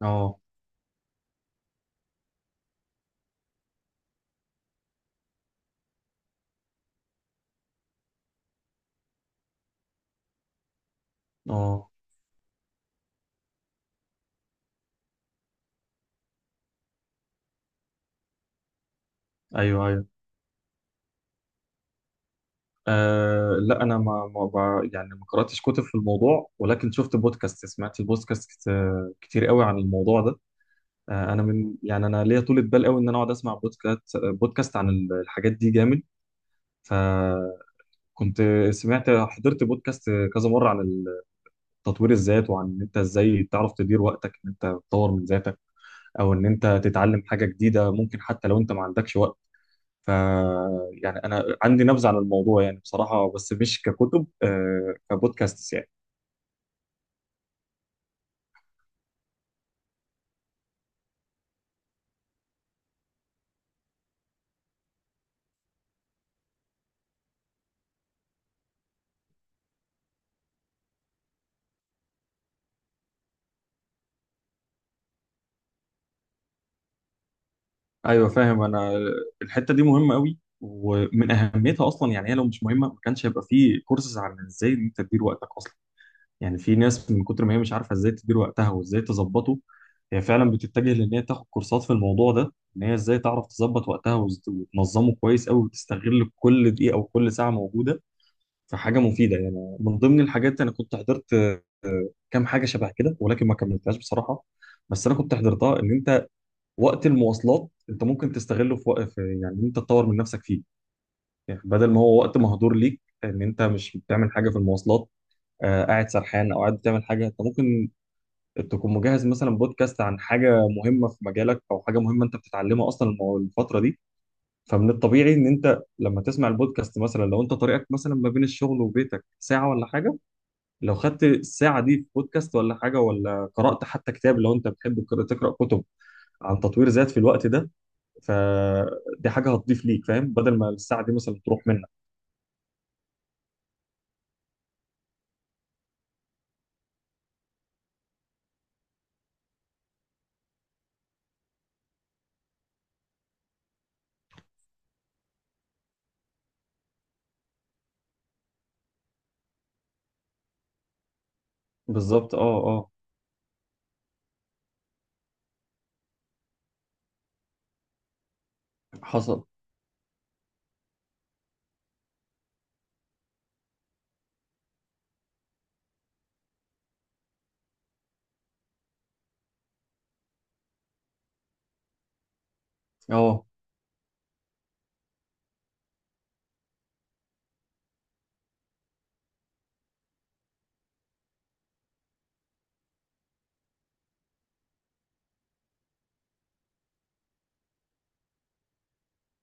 اه اه، ايوه ايوه. آه لا، انا ما, ما بع- يعني ما قراتش كتب في الموضوع، ولكن شفت بودكاست. سمعت البودكاست كتير قوي عن الموضوع ده. آه انا من يعني انا ليا طولة بال قوي ان انا اقعد اسمع بودكاست عن الحاجات دي جامد. فكنت حضرت بودكاست كذا مره عن تطوير الذات، وعن ان انت ازاي تعرف تدير وقتك، ان انت تطور من ذاتك، او ان انت تتعلم حاجه جديده ممكن حتى لو انت ما عندكش وقت. ف يعني انا عندي نبذه عن الموضوع يعني، بصراحه، بس مش ككتب، آه كبودكاست يعني. ايوه فاهم. انا الحته دي مهمه قوي، ومن اهميتها اصلا، يعني هي لو مش مهمه ما كانش هيبقى في كورسز عن ازاي انت تدير وقتك اصلا. يعني في ناس من كتر ما هي مش عارفه ازاي تدير وقتها وازاي تظبطه، هي فعلا بتتجه لان هي تاخد كورسات في الموضوع ده، ان هي ازاي تعرف تظبط وقتها وتنظمه كويس قوي وتستغل كل دقيقه وكل ساعه موجوده. فحاجه مفيده يعني. من ضمن الحاجات انا كنت حضرت كام حاجه شبه كده، ولكن ما كملتهاش بصراحه. بس انا كنت حضرتها، ان انت وقت المواصلات انت ممكن تستغله في وقت، في يعني إن انت تطور من نفسك فيه. يعني بدل ما هو وقت مهدور ليك، ان انت مش بتعمل حاجه في المواصلات، آه قاعد سرحان او قاعد بتعمل حاجه، انت ممكن تكون مجهز مثلا بودكاست عن حاجه مهمه في مجالك، او حاجه مهمه انت بتتعلمها اصلا الفتره دي. فمن الطبيعي ان انت لما تسمع البودكاست مثلا، لو انت طريقك مثلا ما بين الشغل وبيتك ساعه ولا حاجه، لو خدت الساعة دي في بودكاست ولا حاجة، ولا قرأت حتى كتاب لو أنت بتحب تقرأ كتب عن تطوير ذات في الوقت ده، فدي حاجة هتضيف ليك، فاهم، بدل ما الساعة دي مثلا تروح منك. بالظبط اه اه. حصل. اه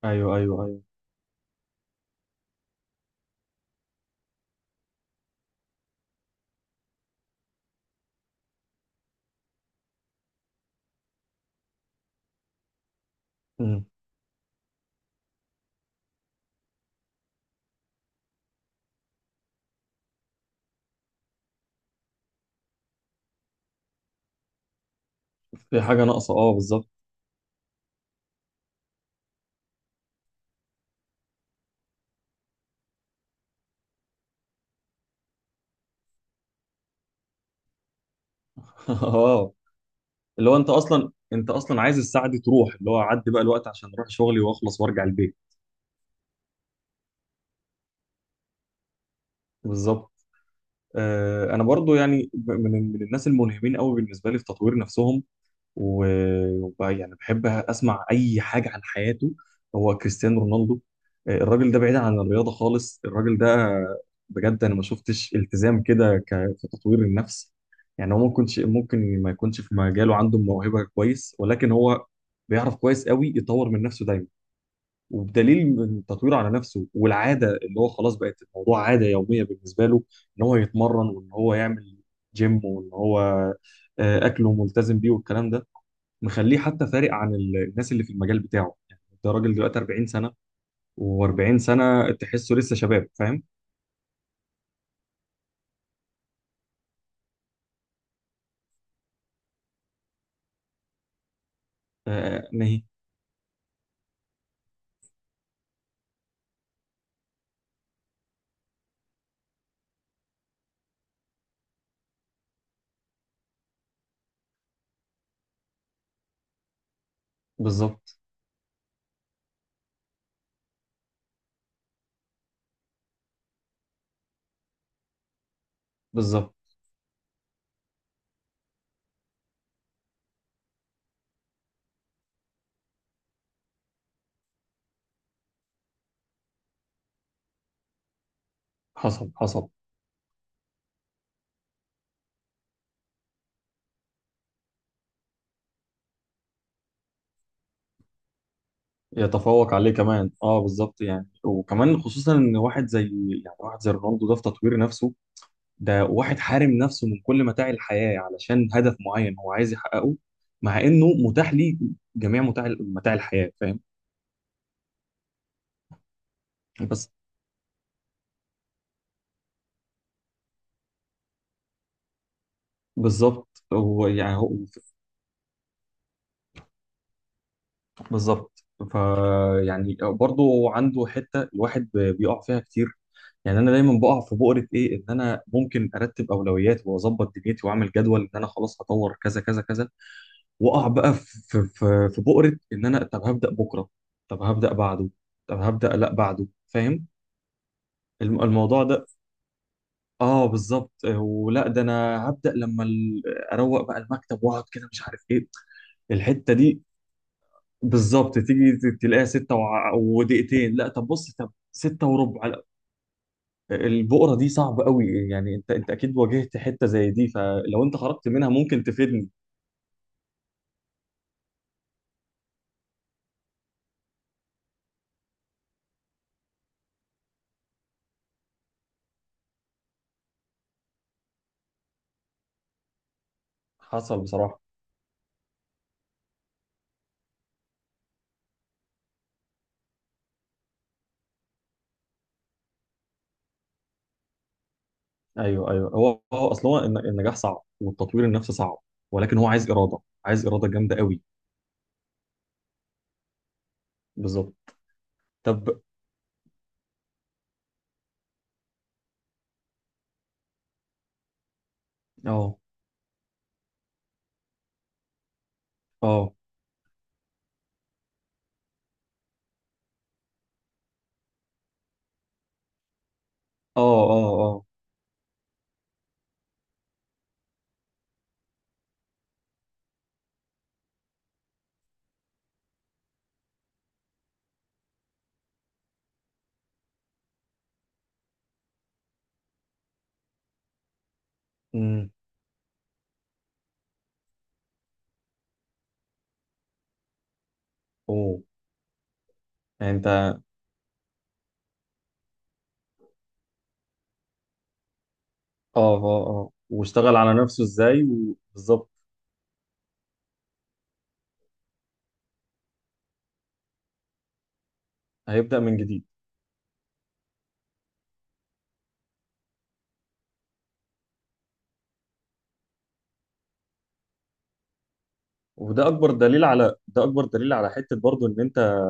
ايوه ايوه ايوه. مم. في حاجة ناقصة اه بالظبط. اه، اللي هو أنت أصلا، أنت أصلا عايز الساعة دي تروح، اللي هو عدي بقى الوقت عشان أروح شغلي وأخلص وأرجع البيت. بالظبط. آه، انا برضو يعني من الناس الملهمين قوي بالنسبه لي في تطوير نفسهم، وبقى يعني بحب اسمع اي حاجه عن حياته. هو كريستيانو رونالدو. آه، الراجل ده بعيد عن الرياضه خالص. الراجل ده بجد انا ما شفتش التزام كده في تطوير النفس. يعني هو ممكن ممكن ما يكونش في مجاله عنده موهبه كويس، ولكن هو بيعرف كويس قوي يطور من نفسه دايما. وبدليل من تطويره على نفسه والعاده، اللي هو خلاص بقت الموضوع عاده يوميه بالنسبه له، ان هو يتمرن وان هو يعمل جيم، وان هو آه، اكله ملتزم بيه والكلام ده، مخليه حتى فارق عن الناس اللي في المجال بتاعه. يعني ده راجل دلوقتي 40 سنة، و40 سنة تحسه لسه شباب فاهم. آه ما هي بالظبط. بالظبط حصل حصل. يتفوق عليه كمان اه بالظبط. يعني وكمان خصوصا ان واحد زي، يعني واحد زي رونالدو ده في تطوير نفسه، ده واحد حارم نفسه من كل متاع الحياة علشان هدف معين هو عايز يحققه، مع انه متاح ليه جميع متاع متاع الحياة فاهم. بس بالظبط. هو بالظبط. فيعني برضه عنده حته الواحد بيقع فيها كتير. يعني انا دايما بقع في بؤره ايه، ان انا ممكن ارتب اولويات واظبط دنيتي واعمل جدول ان انا خلاص هطور كذا كذا كذا، واقع بقى في بؤره ان انا طب هبدا بكره، طب هبدا بعده، طب هبدا لا بعده، فاهم. الموضوع ده، اه بالظبط. ولا ده انا هبدا لما اروق بقى المكتب واقعد كده مش عارف ايه. الحته دي بالظبط، تيجي تلاقيها ستة ودقيقتين، لا طب بص، طب ستة وربع، لا، البقرة دي صعبة قوي. يعني انت اكيد واجهت حتة زي دي، فلو انت خرجت منها ممكن تفيدني. حصل بصراحة. ايوه ايوه، هو اصل هو النجاح صعب، والتطوير النفسي صعب، ولكن هو عايز إرادة، عايز إرادة جامدة قوي. بالظبط. طب. اه اه اه اه اه. امم. اوه. يعني انت، اه اه اه، واشتغل على نفسه ازاي وبالظبط. هيبدأ من جديد. وده اكبر دليل على ده اكبر دليل على حته برضو ان انت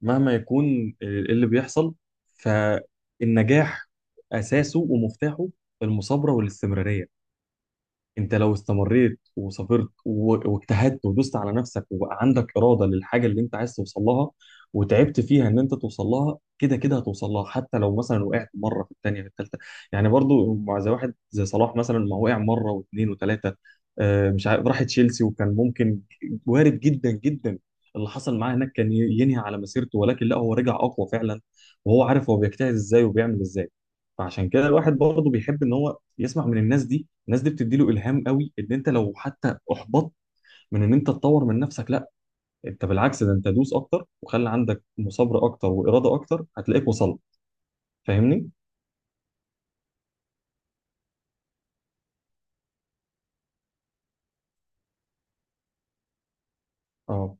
مهما يكون اللي بيحصل، فالنجاح اساسه ومفتاحه المثابره والاستمراريه. انت لو استمريت وصبرت واجتهدت ودوست على نفسك، وبقى عندك اراده للحاجه اللي انت عايز توصل لها، وتعبت فيها ان انت توصل لها، كده كده هتوصل لها حتى لو مثلا وقعت مره في الثانيه في الثالثه. يعني برضو مع زي واحد زي صلاح مثلا ما وقع مره واثنين وثلاثه. آه، مش عارف راح تشيلسي، وكان ممكن وارد جدا جدا. اللي حصل معاه هناك كان ينهي على مسيرته، ولكن لا، هو رجع اقوى فعلا. وهو عارف هو بيجتهد ازاي وبيعمل ازاي. فعشان كده الواحد برضه بيحب ان هو يسمع من الناس دي. الناس دي بتدي له الهام قوي، ان انت لو حتى احبطت من ان انت تطور من نفسك، لا، انت بالعكس، ده انت دوس اكتر، وخلي عندك مثابره اكتر واراده اكتر، هتلاقيك وصلت. فاهمني؟ اه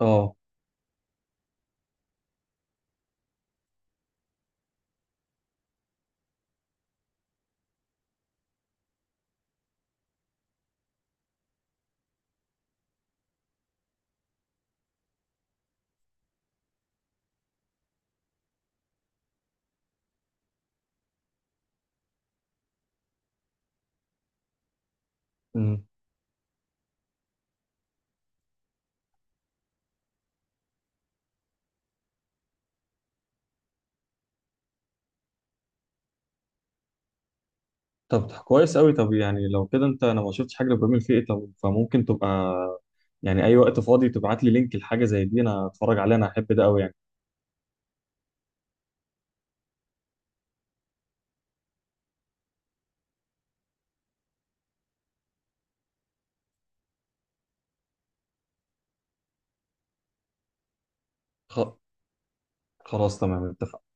اه. امم. طب كويس قوي. طب يعني لو كده انت، انا ما شفتش حاجه لابراهيم الفقي، طب فممكن تبقى يعني اي وقت فاضي تبعت لي لينك لحاجه زي دي انا اتفرج عليها، انا احب ده قوي يعني. خ- خلاص تمام اتفقنا.